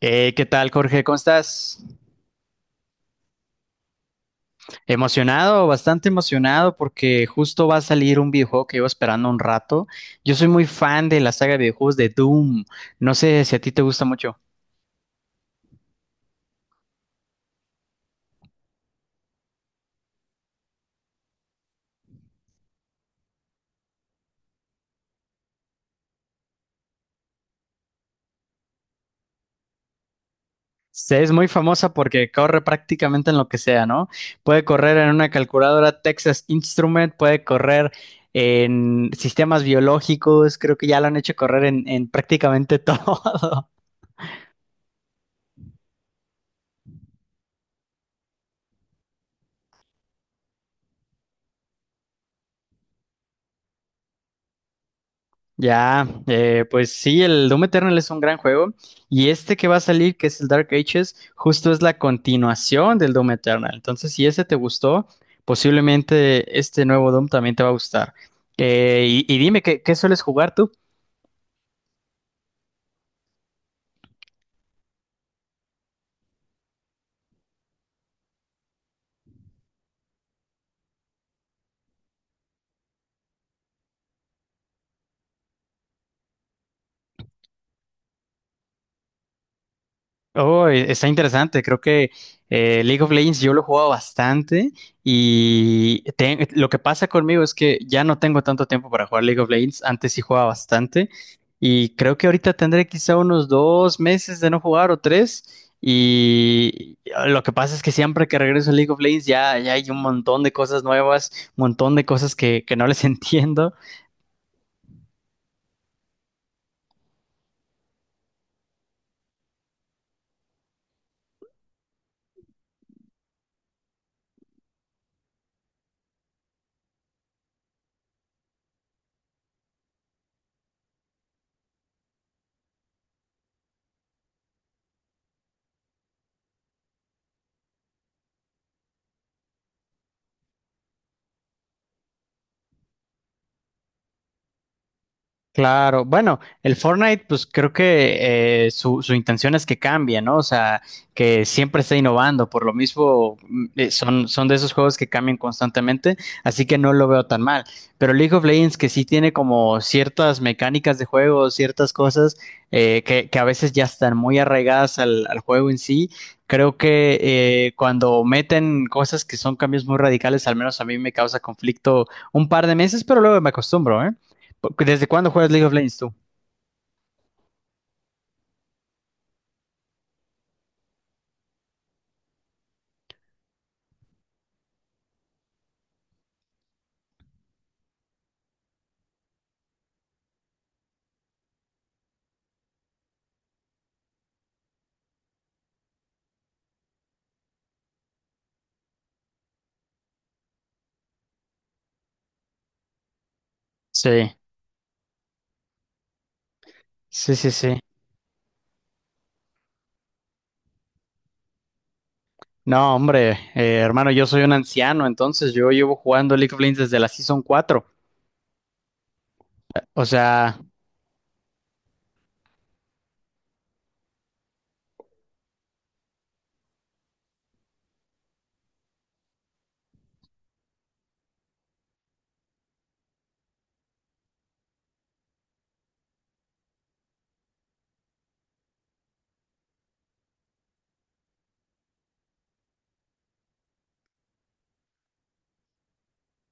¿Qué tal, Jorge? ¿Cómo estás? Emocionado, bastante emocionado porque justo va a salir un videojuego que llevo esperando un rato. Yo soy muy fan de la saga de videojuegos de Doom. No sé si a ti te gusta mucho. Es muy famosa porque corre prácticamente en lo que sea, ¿no? Puede correr en una calculadora Texas Instrument, puede correr en sistemas biológicos, creo que ya lo han hecho correr en prácticamente todo. Ya, pues sí, el Doom Eternal es un gran juego y este que va a salir, que es el Dark Ages, justo es la continuación del Doom Eternal. Entonces, si ese te gustó, posiblemente este nuevo Doom también te va a gustar. Y dime, ¿qué sueles jugar tú? Oh, está interesante. Creo que League of Legends yo lo he jugado bastante y lo que pasa conmigo es que ya no tengo tanto tiempo para jugar League of Legends. Antes sí jugaba bastante y creo que ahorita tendré quizá unos 2 meses de no jugar o tres. Lo que pasa es que siempre que regreso a League of Legends ya hay un montón de cosas nuevas, un montón de cosas que no les entiendo. Claro, bueno, el Fortnite, pues creo que su intención es que cambie, ¿no? O sea, que siempre esté innovando, por lo mismo son de esos juegos que cambian constantemente, así que no lo veo tan mal. Pero League of Legends, que sí tiene como ciertas mecánicas de juego, ciertas cosas que a veces ya están muy arraigadas al juego en sí, creo que cuando meten cosas que son cambios muy radicales, al menos a mí me causa conflicto un par de meses, pero luego me acostumbro, ¿eh? ¿Desde cuándo juegas League of Legends tú? Sí, sí, sí, sí. No, hombre, hermano, yo soy un anciano, entonces yo llevo jugando League of Legends desde la Season 4. O sea,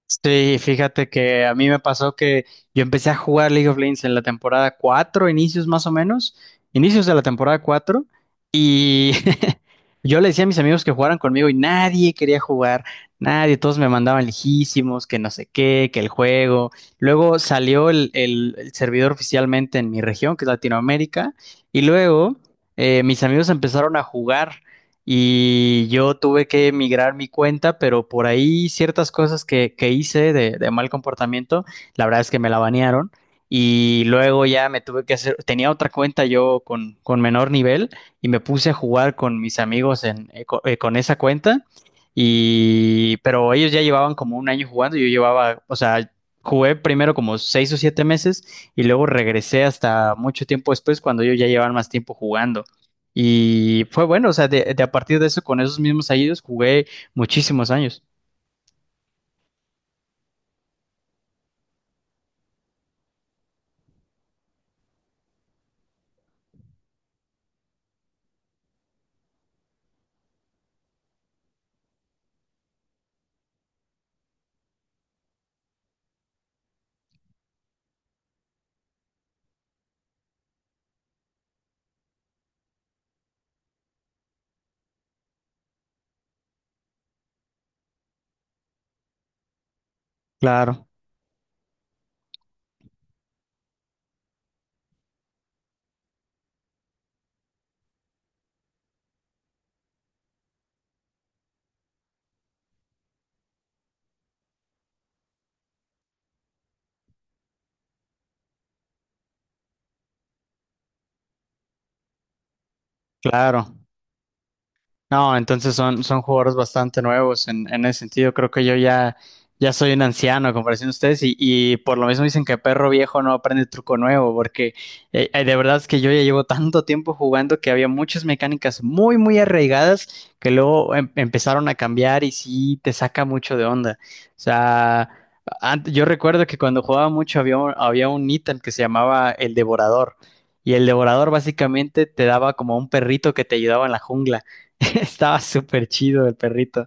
sí, fíjate que a mí me pasó que yo empecé a jugar League of Legends en la temporada 4 inicios más o menos, inicios de la temporada 4 y yo le decía a mis amigos que jugaran conmigo y nadie quería jugar, nadie, todos me mandaban lejísimos, que no sé qué, que el juego. Luego salió el servidor oficialmente en mi región, que es Latinoamérica, y luego mis amigos empezaron a jugar y yo tuve que migrar mi cuenta, pero por ahí ciertas cosas que hice de mal comportamiento, la verdad es que me la banearon y luego ya me tuve que hacer, tenía otra cuenta yo con menor nivel y me puse a jugar con mis amigos con esa cuenta pero ellos ya llevaban como un año jugando, yo llevaba, o sea... Jugué primero como 6 o 7 meses y luego regresé hasta mucho tiempo después cuando ellos ya llevaban más tiempo jugando. Y fue bueno, o sea, de a partir de eso, con esos mismos años, jugué muchísimos años. Claro, claro. No, entonces son jugadores bastante nuevos en ese sentido. Creo que yo ya soy un anciano a comparación de ustedes y por lo mismo dicen que perro viejo no aprende truco nuevo, porque de verdad es que yo ya llevo tanto tiempo jugando que había muchas mecánicas muy, muy arraigadas que luego empezaron a cambiar y sí te saca mucho de onda. O sea, yo recuerdo que cuando jugaba mucho había un ítem que se llamaba el Devorador. Y el devorador básicamente te daba como un perrito que te ayudaba en la jungla. Estaba súper chido el perrito.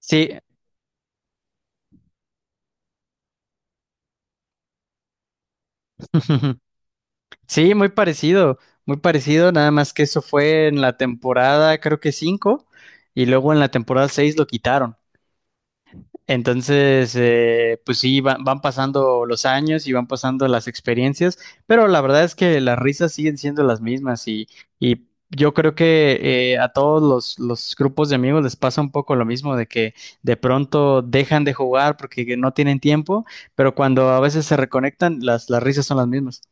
Sí, sí, muy parecido, nada más que eso fue en la temporada, creo que cinco, y luego en la temporada 6 lo quitaron. Entonces, pues sí, van pasando los años y van pasando las experiencias, pero la verdad es que las risas siguen siendo las mismas y yo creo que a todos los grupos de amigos les pasa un poco lo mismo, de que de pronto dejan de jugar porque no tienen tiempo, pero cuando a veces se reconectan, las risas son las mismas.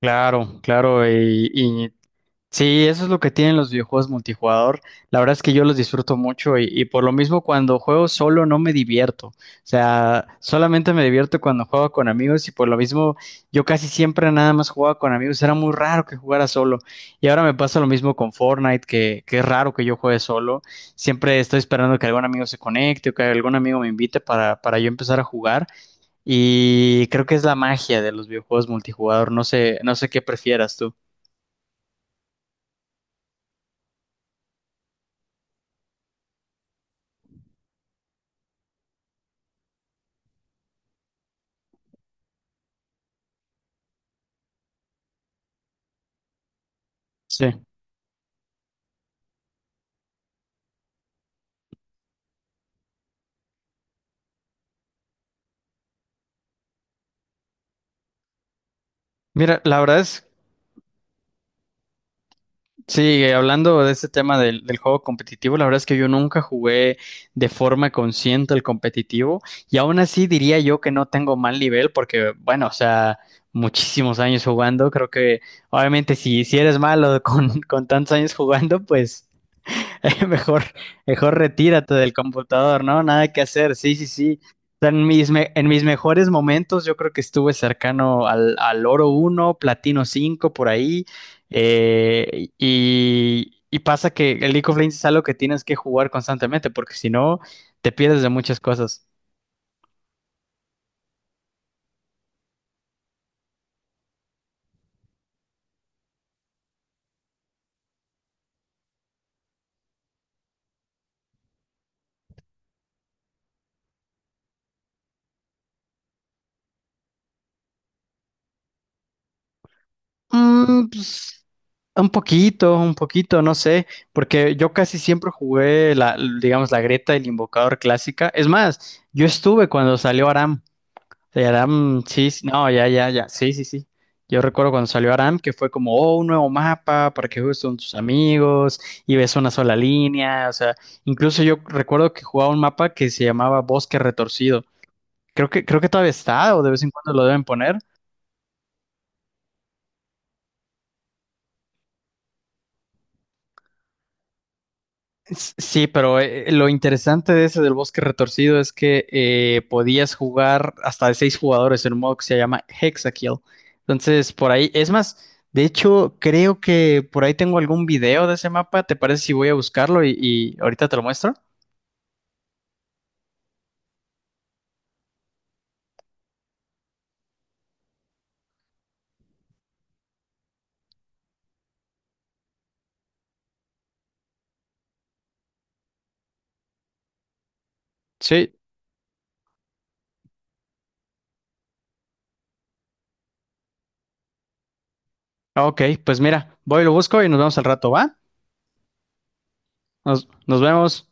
Claro, claro, sí, eso es lo que tienen los videojuegos multijugador. La verdad es que yo los disfruto mucho y por lo mismo cuando juego solo no me divierto. O sea, solamente me divierto cuando juego con amigos y por lo mismo yo casi siempre nada más jugaba con amigos. Era muy raro que jugara solo. Y ahora me pasa lo mismo con Fortnite, que es raro que yo juegue solo. Siempre estoy esperando que algún amigo se conecte o que algún amigo me invite para yo empezar a jugar. Y creo que es la magia de los videojuegos multijugador. No sé, no sé qué prefieras tú. Sí. Mira, la verdad es, sí, hablando de este tema del juego competitivo, la verdad es que yo nunca jugué de forma consciente el competitivo y aún así diría yo que no tengo mal nivel porque, bueno, o sea, muchísimos años jugando, creo que obviamente si eres malo con tantos años jugando, pues mejor, mejor retírate del computador, ¿no? Nada que hacer, sí, sí, sí. O sea, en mis mejores momentos yo creo que estuve cercano al oro 1 platino 5 por ahí. Y pasa que el League of Legends es algo que tienes que jugar constantemente porque si no te pierdes de muchas cosas. Pues, un poquito, no sé, porque yo casi siempre jugué la, digamos, la Greta y el Invocador clásica. Es más, yo estuve cuando salió Aram. Sí, Aram, sí, sí, no, ya, ya, ya, sí, sí, sí. Yo recuerdo cuando salió Aram que fue como, oh, un nuevo mapa para que juegues con tus amigos y ves una sola línea, o sea, incluso yo recuerdo que jugaba un mapa que se llamaba Bosque Retorcido. Creo que todavía está o de vez en cuando lo deben poner. Sí, pero lo interesante de ese del bosque retorcido es que podías jugar hasta de 6 jugadores en un modo que se llama Hexakill. Entonces, por ahí, es más, de hecho, creo que por ahí tengo algún video de ese mapa. ¿Te parece si voy a buscarlo y ahorita te lo muestro? Sí, ok, pues mira, voy, y lo busco y nos vemos al rato, ¿va? Nos vemos.